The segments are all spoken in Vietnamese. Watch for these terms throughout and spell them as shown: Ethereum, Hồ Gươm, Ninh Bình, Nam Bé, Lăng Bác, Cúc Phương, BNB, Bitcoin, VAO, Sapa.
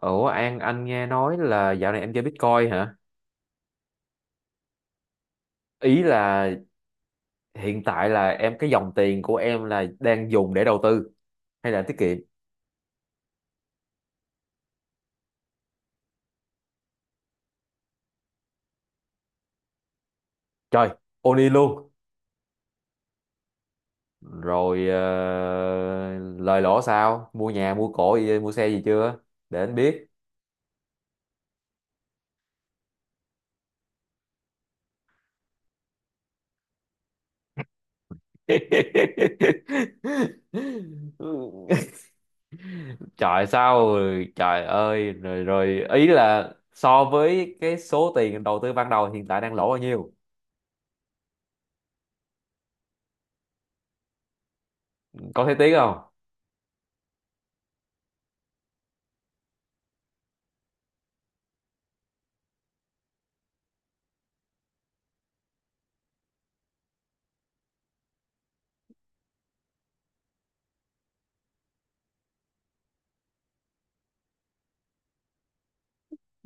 Ủa An, anh nghe nói là dạo này em chơi Bitcoin hả? Ý là hiện tại là em cái dòng tiền của em là đang dùng để đầu tư hay là tiết kiệm? Trời, Oni luôn. Rồi lời lỗ sao? Mua nhà, mua cổ, mua xe gì chưa? Để anh biết. Trời sao rồi? Trời ơi, rồi rồi ý là so với cái số tiền đầu tư ban đầu hiện tại đang lỗ bao nhiêu? Có thấy tiếc không?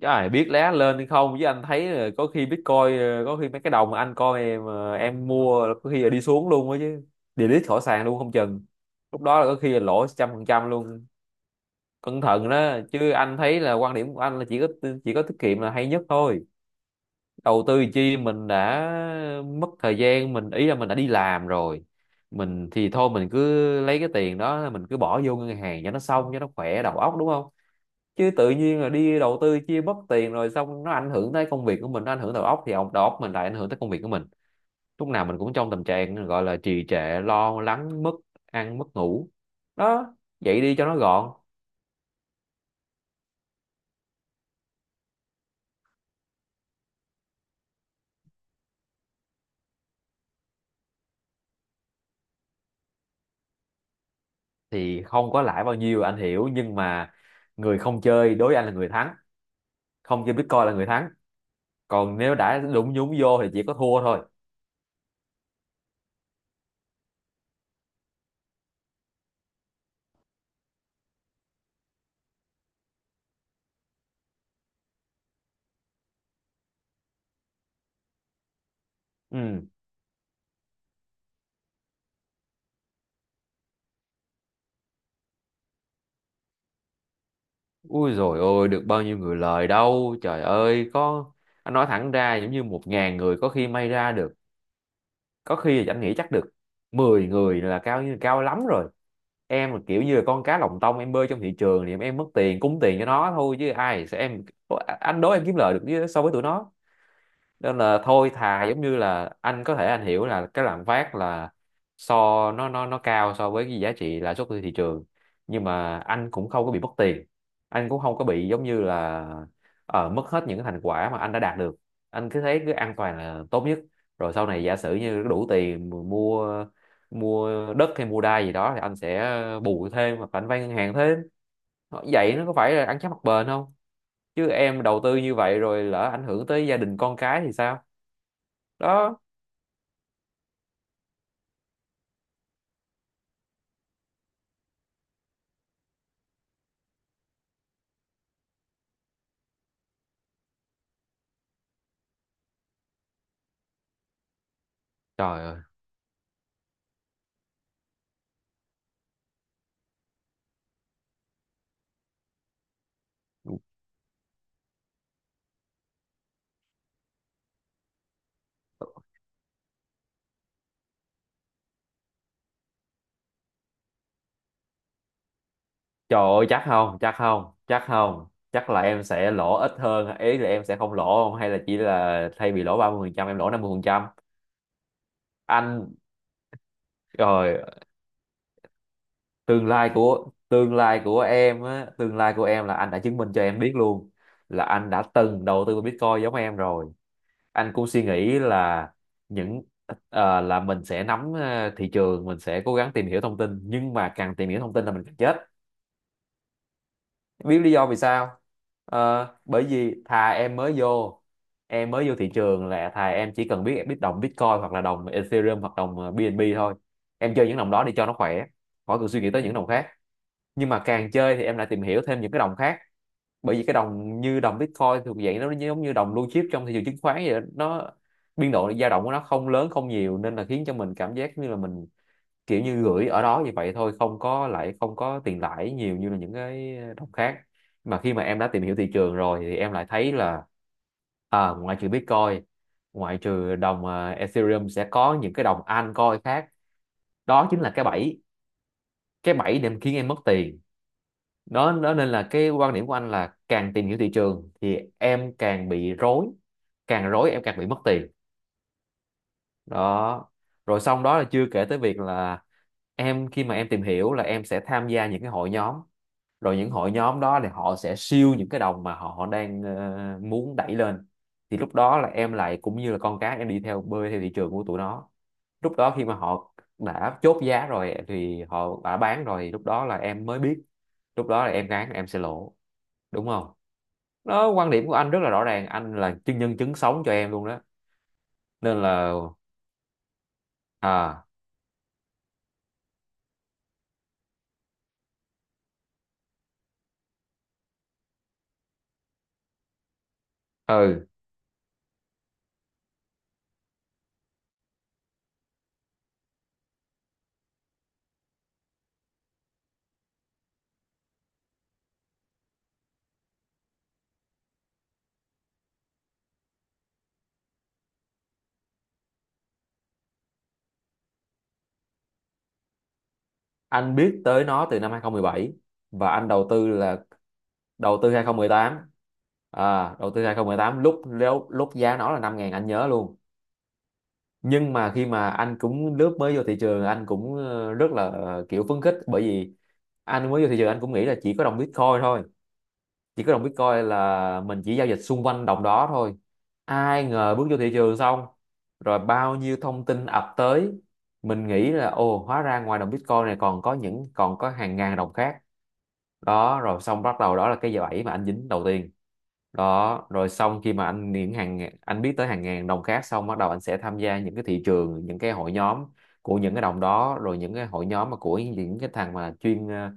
Trời biết lá lên hay không, chứ anh thấy là có khi Bitcoin có khi mấy cái đồng mà anh coi em em mua là có khi là đi xuống luôn á chứ, delete khỏi sàn luôn không chừng. Lúc đó là có khi là lỗ 100% luôn. Cẩn thận đó, chứ anh thấy là quan điểm của anh là chỉ có, chỉ có tiết kiệm là hay nhất thôi. Đầu tư chi, mình đã mất thời gian mình, ý là mình đã đi làm rồi, mình thì thôi mình cứ lấy cái tiền đó mình cứ bỏ vô ngân hàng cho nó xong, cho nó khỏe đầu óc, đúng không? Chứ tự nhiên là đi đầu tư chia mất tiền rồi, xong nó ảnh hưởng tới công việc của mình, nó ảnh hưởng đầu óc thì ông đầu óc mình lại ảnh hưởng tới công việc của mình. Lúc nào mình cũng trong tình trạng gọi là trì trệ, lo lắng, mất ăn mất ngủ. Đó, vậy đi cho nó gọn. Thì không có lãi bao nhiêu anh hiểu, nhưng mà người không chơi đối với anh là người thắng. Không chơi Bitcoin là người thắng, còn nếu đã nhúng vô thì chỉ có thua thôi. Ừ, ui rồi, ôi được bao nhiêu người lời đâu trời ơi, có, anh nói thẳng ra giống như 1.000 người có khi may ra được, có khi là Chánh nghĩ chắc được 10 người là cao lắm rồi. Em là kiểu như là con cá lòng tông em bơi trong thị trường thì em mất tiền cúng tiền cho nó thôi, chứ ai sẽ em. Anh đố em kiếm so với tụi nó. Nên là thôi, thà giống như là anh có thể anh hiểu là cái lạm phát là so nó nó cao so với cái giá trị lãi suất của thị trường, nhưng mà anh cũng không có bị mất tiền, anh cũng không có bị giống như là mất hết những cái thành quả mà anh đã đạt được. Anh cứ thấy cứ an toàn là tốt nhất, rồi sau này giả sử như đủ tiền mua, mua đất hay mua đai gì đó thì anh sẽ bù thêm hoặc là anh vay ngân hàng thêm. Ờ, vậy nó có phải là ăn chắc mặc bền không? Chứ em đầu tư như vậy rồi lỡ ảnh hưởng tới gia đình con cái thì sao? Đó. Trời ơi, trời ơi, chắc không, chắc là em sẽ lỗ ít hơn, ý là em sẽ không lỗ không, hay là chỉ là thay vì lỗ 30%, em lỗ 50%. Anh rồi. Tương lai của, tương lai của em á tương lai của em là anh đã chứng minh cho em biết luôn, là anh đã từng đầu tư vào Bitcoin giống em rồi. Anh cũng suy nghĩ là những là mình sẽ nắm thị trường, mình sẽ cố gắng tìm hiểu thông tin, nhưng mà càng tìm hiểu thông tin là mình càng chết. Biết lý do vì sao? Ờ, bởi vì thà em mới vô, em mới vô thị trường là thà em chỉ cần biết biết đồng Bitcoin hoặc là đồng Ethereum hoặc đồng BNB thôi. Em chơi những đồng đó đi cho nó khỏe, khỏi cần suy nghĩ tới những đồng khác. Nhưng mà càng chơi thì em lại tìm hiểu thêm những cái đồng khác, bởi vì cái đồng như đồng Bitcoin thuộc dạng nó giống như đồng blue chip trong thị trường chứng khoán vậy đó. Nó biên độ dao động của nó không lớn không nhiều, nên là khiến cho mình cảm giác như là mình kiểu như gửi ở đó như vậy thôi, không có lại, không có tiền lãi nhiều như là những cái đồng khác. Mà khi mà em đã tìm hiểu thị trường rồi thì em lại thấy là à, ngoại trừ Bitcoin, ngoại trừ đồng à, Ethereum, sẽ có những cái đồng altcoin khác. Đó chính là cái bẫy, cái bẫy để khiến em mất tiền. Đó, đó, nên là cái quan điểm của anh là càng tìm hiểu thị trường thì em càng bị rối, càng rối em càng bị mất tiền. Đó, rồi xong đó là chưa kể tới việc là em, khi mà em tìm hiểu là em sẽ tham gia những cái hội nhóm, rồi những hội nhóm đó thì họ sẽ siêu những cái đồng mà họ đang muốn đẩy lên. Thì lúc đó là em lại cũng như là con cá, em đi theo bơi theo thị trường của tụi nó. Lúc đó khi mà họ đã chốt giá rồi thì họ đã bán rồi, lúc đó là em mới biết. Lúc đó là em gán em sẽ lỗ, đúng không? Đó, quan điểm của anh rất là rõ ràng, anh là chứng nhân chứng sống cho em luôn đó, nên là. À ừ, anh biết tới nó từ năm 2017, và anh đầu tư là đầu tư 2018. À, đầu tư 2018 lúc lúc lúc giá nó là 5.000 anh nhớ luôn. Nhưng mà khi mà anh cũng lướt mới vô thị trường anh cũng rất là kiểu phấn khích, bởi vì anh mới vô thị trường anh cũng nghĩ là chỉ có đồng Bitcoin thôi, chỉ có đồng Bitcoin là mình chỉ giao dịch xung quanh đồng đó thôi. Ai ngờ bước vô thị trường xong rồi bao nhiêu thông tin ập tới, mình nghĩ là ồ hóa ra ngoài đồng Bitcoin này còn có hàng ngàn đồng khác. Đó, rồi xong bắt đầu đó là cái bẫy mà anh dính đầu tiên. Đó rồi xong khi mà anh những hàng anh biết tới hàng ngàn đồng khác xong bắt đầu anh sẽ tham gia những cái thị trường, những cái hội nhóm của những cái đồng đó, rồi những cái hội nhóm mà của những cái thằng mà chuyên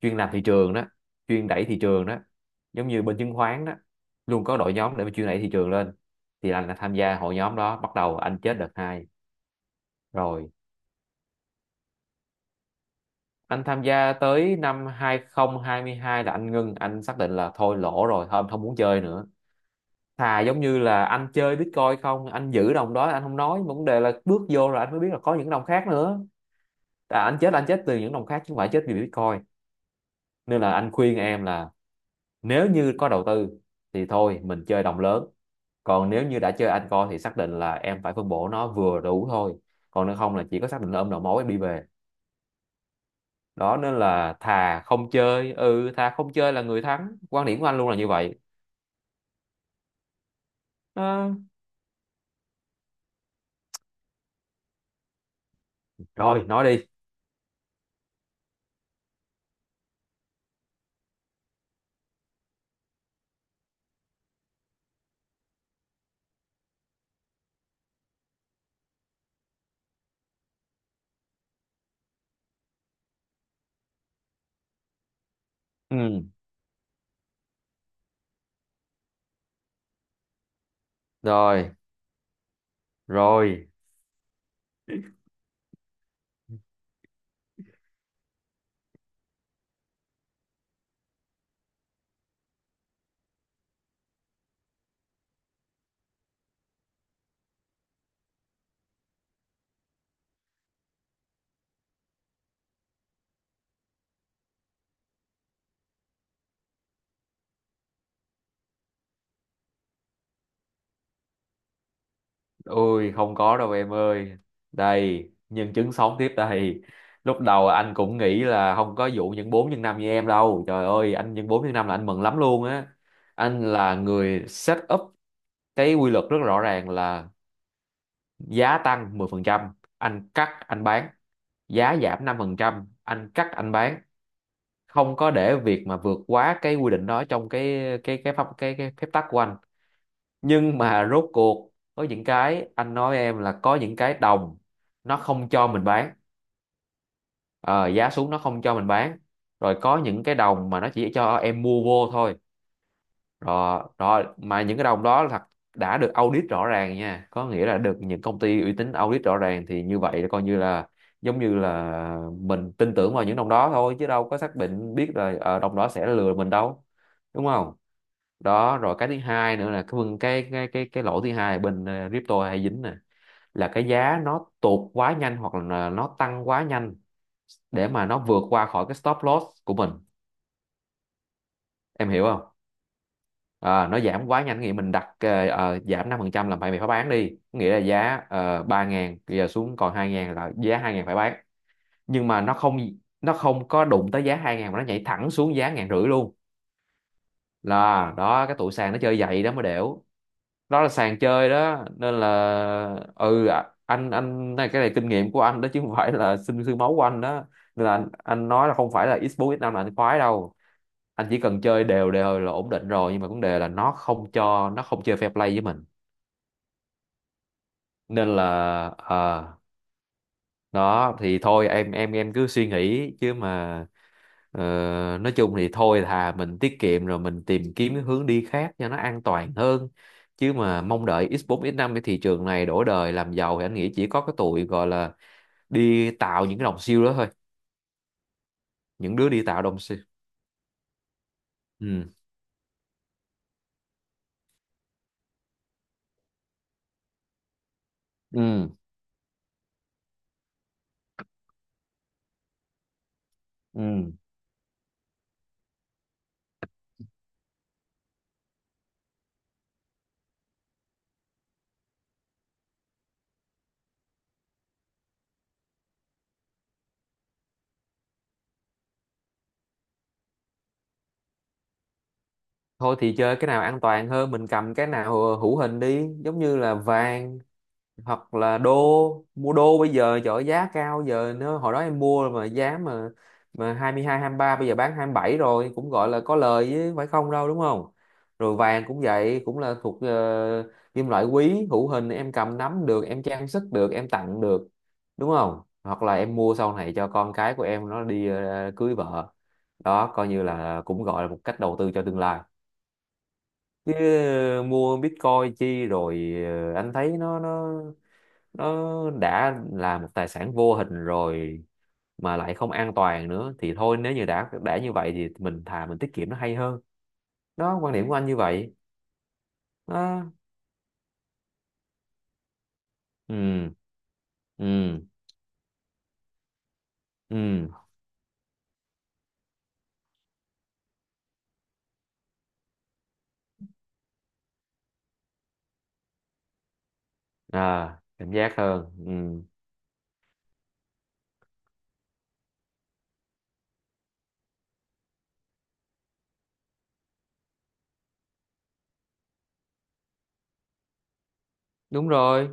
chuyên làm thị trường đó, chuyên đẩy thị trường đó, giống như bên chứng khoán đó, luôn có đội nhóm để mà chuyên đẩy thị trường lên. Thì anh là tham gia hội nhóm đó bắt đầu anh chết đợt hai. Rồi anh tham gia tới năm 2022 là anh ngưng, anh xác định là thôi lỗ rồi, thôi anh không muốn chơi nữa. Thà giống như là anh chơi Bitcoin không, anh giữ đồng đó anh không nói, vấn đề là bước vô rồi anh mới biết là có những đồng khác nữa. À, anh chết là anh chết từ những đồng khác chứ không phải chết vì Bitcoin. Nên là anh khuyên em là nếu như có đầu tư thì thôi mình chơi đồng lớn, còn nếu như đã chơi anh coi thì xác định là em phải phân bổ nó vừa đủ thôi, còn nếu không là chỉ có xác định là ôm đầu mối em đi về. Đó, nên là thà không chơi, ừ thà không chơi là người thắng, quan điểm của anh luôn là như vậy. Ờ, rồi nói đi. Ừ, rồi, rồi. Ôi không có đâu em ơi. Đây, nhân chứng sống tiếp đây. Lúc đầu anh cũng nghĩ là không có vụ nhân 4 nhân 5 như em đâu. Trời ơi, anh nhân 4 nhân 5 là anh mừng lắm luôn á. Anh là người set up cái quy luật rất rõ ràng là giá tăng 10%, anh cắt anh bán. Giá giảm 5%, anh cắt anh bán. Không có để việc mà vượt quá cái quy định đó trong cái phép tắc của anh, nhưng mà rốt cuộc có những cái anh nói em là có những cái đồng nó không cho mình bán. Ờ, Giá xuống nó không cho mình bán, rồi có những cái đồng mà nó chỉ cho em mua vô thôi, rồi rồi mà những cái đồng đó là thật, đã được audit rõ ràng nha, có nghĩa là được những công ty uy tín audit rõ ràng, thì như vậy là coi như là giống như là mình tin tưởng vào những đồng đó thôi, chứ đâu có xác định biết là đồng đó sẽ lừa mình đâu, đúng không? Đó, rồi cái thứ hai nữa là cái lỗi thứ hai là bên crypto hay dính nè, là cái giá nó tụt quá nhanh hoặc là nó tăng quá nhanh để mà nó vượt qua khỏi cái stop loss của mình, em hiểu không? Nó giảm quá nhanh nghĩa mình đặt giảm 5% là phải mày phải bán đi, nghĩa là giá 3.000 bây giờ xuống còn hai ngàn là giá hai ngàn phải bán, nhưng mà nó không, nó không có đụng tới giá hai ngàn mà nó nhảy thẳng xuống giá ngàn rưỡi luôn. Là đó cái tụi sàn nó chơi vậy đó mới đểu. Đó là sàn chơi đó, nên là anh này, cái này kinh nghiệm của anh đó, chứ không phải là sinh xương máu của anh đó, nên là anh nói là không phải là X4 X5 là anh khoái đâu. Anh chỉ cần chơi đều đều là ổn định rồi, nhưng mà vấn đề là nó không cho, nó không chơi fair play với mình, nên là ờ, đó thì thôi, em cứ suy nghĩ chứ mà. Ờ, nói chung thì thôi, thà mình tiết kiệm rồi mình tìm kiếm cái hướng đi khác cho nó an toàn hơn, chứ mà mong đợi X4 X5 cái thị trường này đổi đời làm giàu thì anh nghĩ chỉ có cái tụi gọi là đi tạo những cái đồng siêu đó thôi, những đứa đi tạo đồng siêu. Ừ. Ừ. Ừ. Thôi thì chơi cái nào an toàn hơn, mình cầm cái nào hữu hình đi, giống như là vàng hoặc là đô. Mua đô bây giờ, trời ơi, giá cao giờ nó, hồi đó em mua mà giá mà hai mươi hai, hai mươi mươi ba, bây giờ bán 27 rồi, cũng gọi là có lời chứ, phải không đâu, đúng không? Rồi vàng cũng vậy, cũng là thuộc kim loại quý hữu hình, em cầm nắm được, em trang sức được, em tặng được, đúng không? Hoặc là em mua sau này cho con cái của em nó đi cưới vợ. Đó coi như là cũng gọi là một cách đầu tư cho tương lai, chứ mua Bitcoin chi rồi. Ờ, anh thấy nó nó đã là một tài sản vô hình rồi mà lại không an toàn nữa, thì thôi nếu như đã như vậy thì mình thà mình tiết kiệm nó hay hơn. Đó, quan điểm của anh như vậy đó. Ừ. Ừ. Ừ. À, cảnh giác hơn, ừ. Đúng rồi.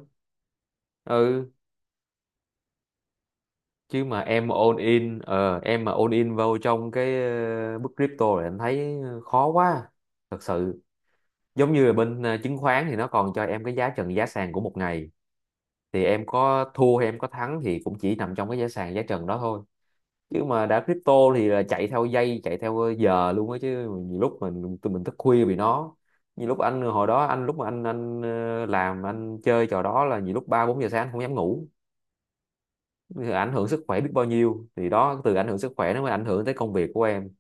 Ừ. Chứ mà em mà all in, em mà all in vào trong cái bức crypto này, anh thấy khó quá, thật sự. Giống như là bên chứng khoán thì nó còn cho em cái giá trần giá sàn của một ngày, thì em có thua hay em có thắng thì cũng chỉ nằm trong cái giá sàn giá trần đó thôi, chứ mà đã crypto thì là chạy theo giây chạy theo giờ luôn á chứ. Nhiều lúc mình, tụi mình thức khuya vì nó. Nhiều lúc anh hồi đó anh, lúc mà anh làm, anh chơi trò đó là nhiều lúc ba bốn giờ sáng anh không dám ngủ. Thì ảnh hưởng sức khỏe biết bao nhiêu, thì đó, từ ảnh hưởng sức khỏe nó mới ảnh hưởng tới công việc của em,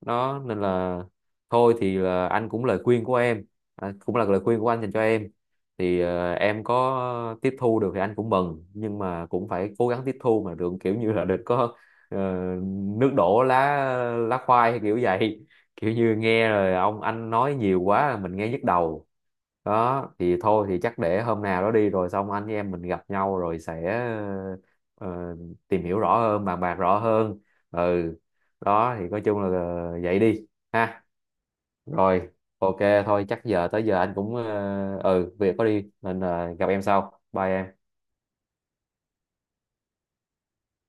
đó nên là thôi thì là anh cũng lời khuyên của em, à, cũng là lời khuyên của anh dành cho em, thì em có tiếp thu được thì anh cũng mừng, nhưng mà cũng phải cố gắng tiếp thu mà đừng kiểu như là đừng có ờ, nước đổ lá lá khoai hay kiểu vậy kiểu như nghe rồi ông anh nói nhiều quá mình nghe nhức đầu. Đó thì thôi, thì chắc để hôm nào đó đi rồi xong anh với em mình gặp nhau rồi sẽ ờ, tìm hiểu rõ hơn, bàn bạc rõ hơn. Ừ. Đó thì nói chung là vậy đi ha. Rồi, ok, thôi chắc giờ tới giờ anh cũng ừ việc có đi, nên là gặp em sau, bye em.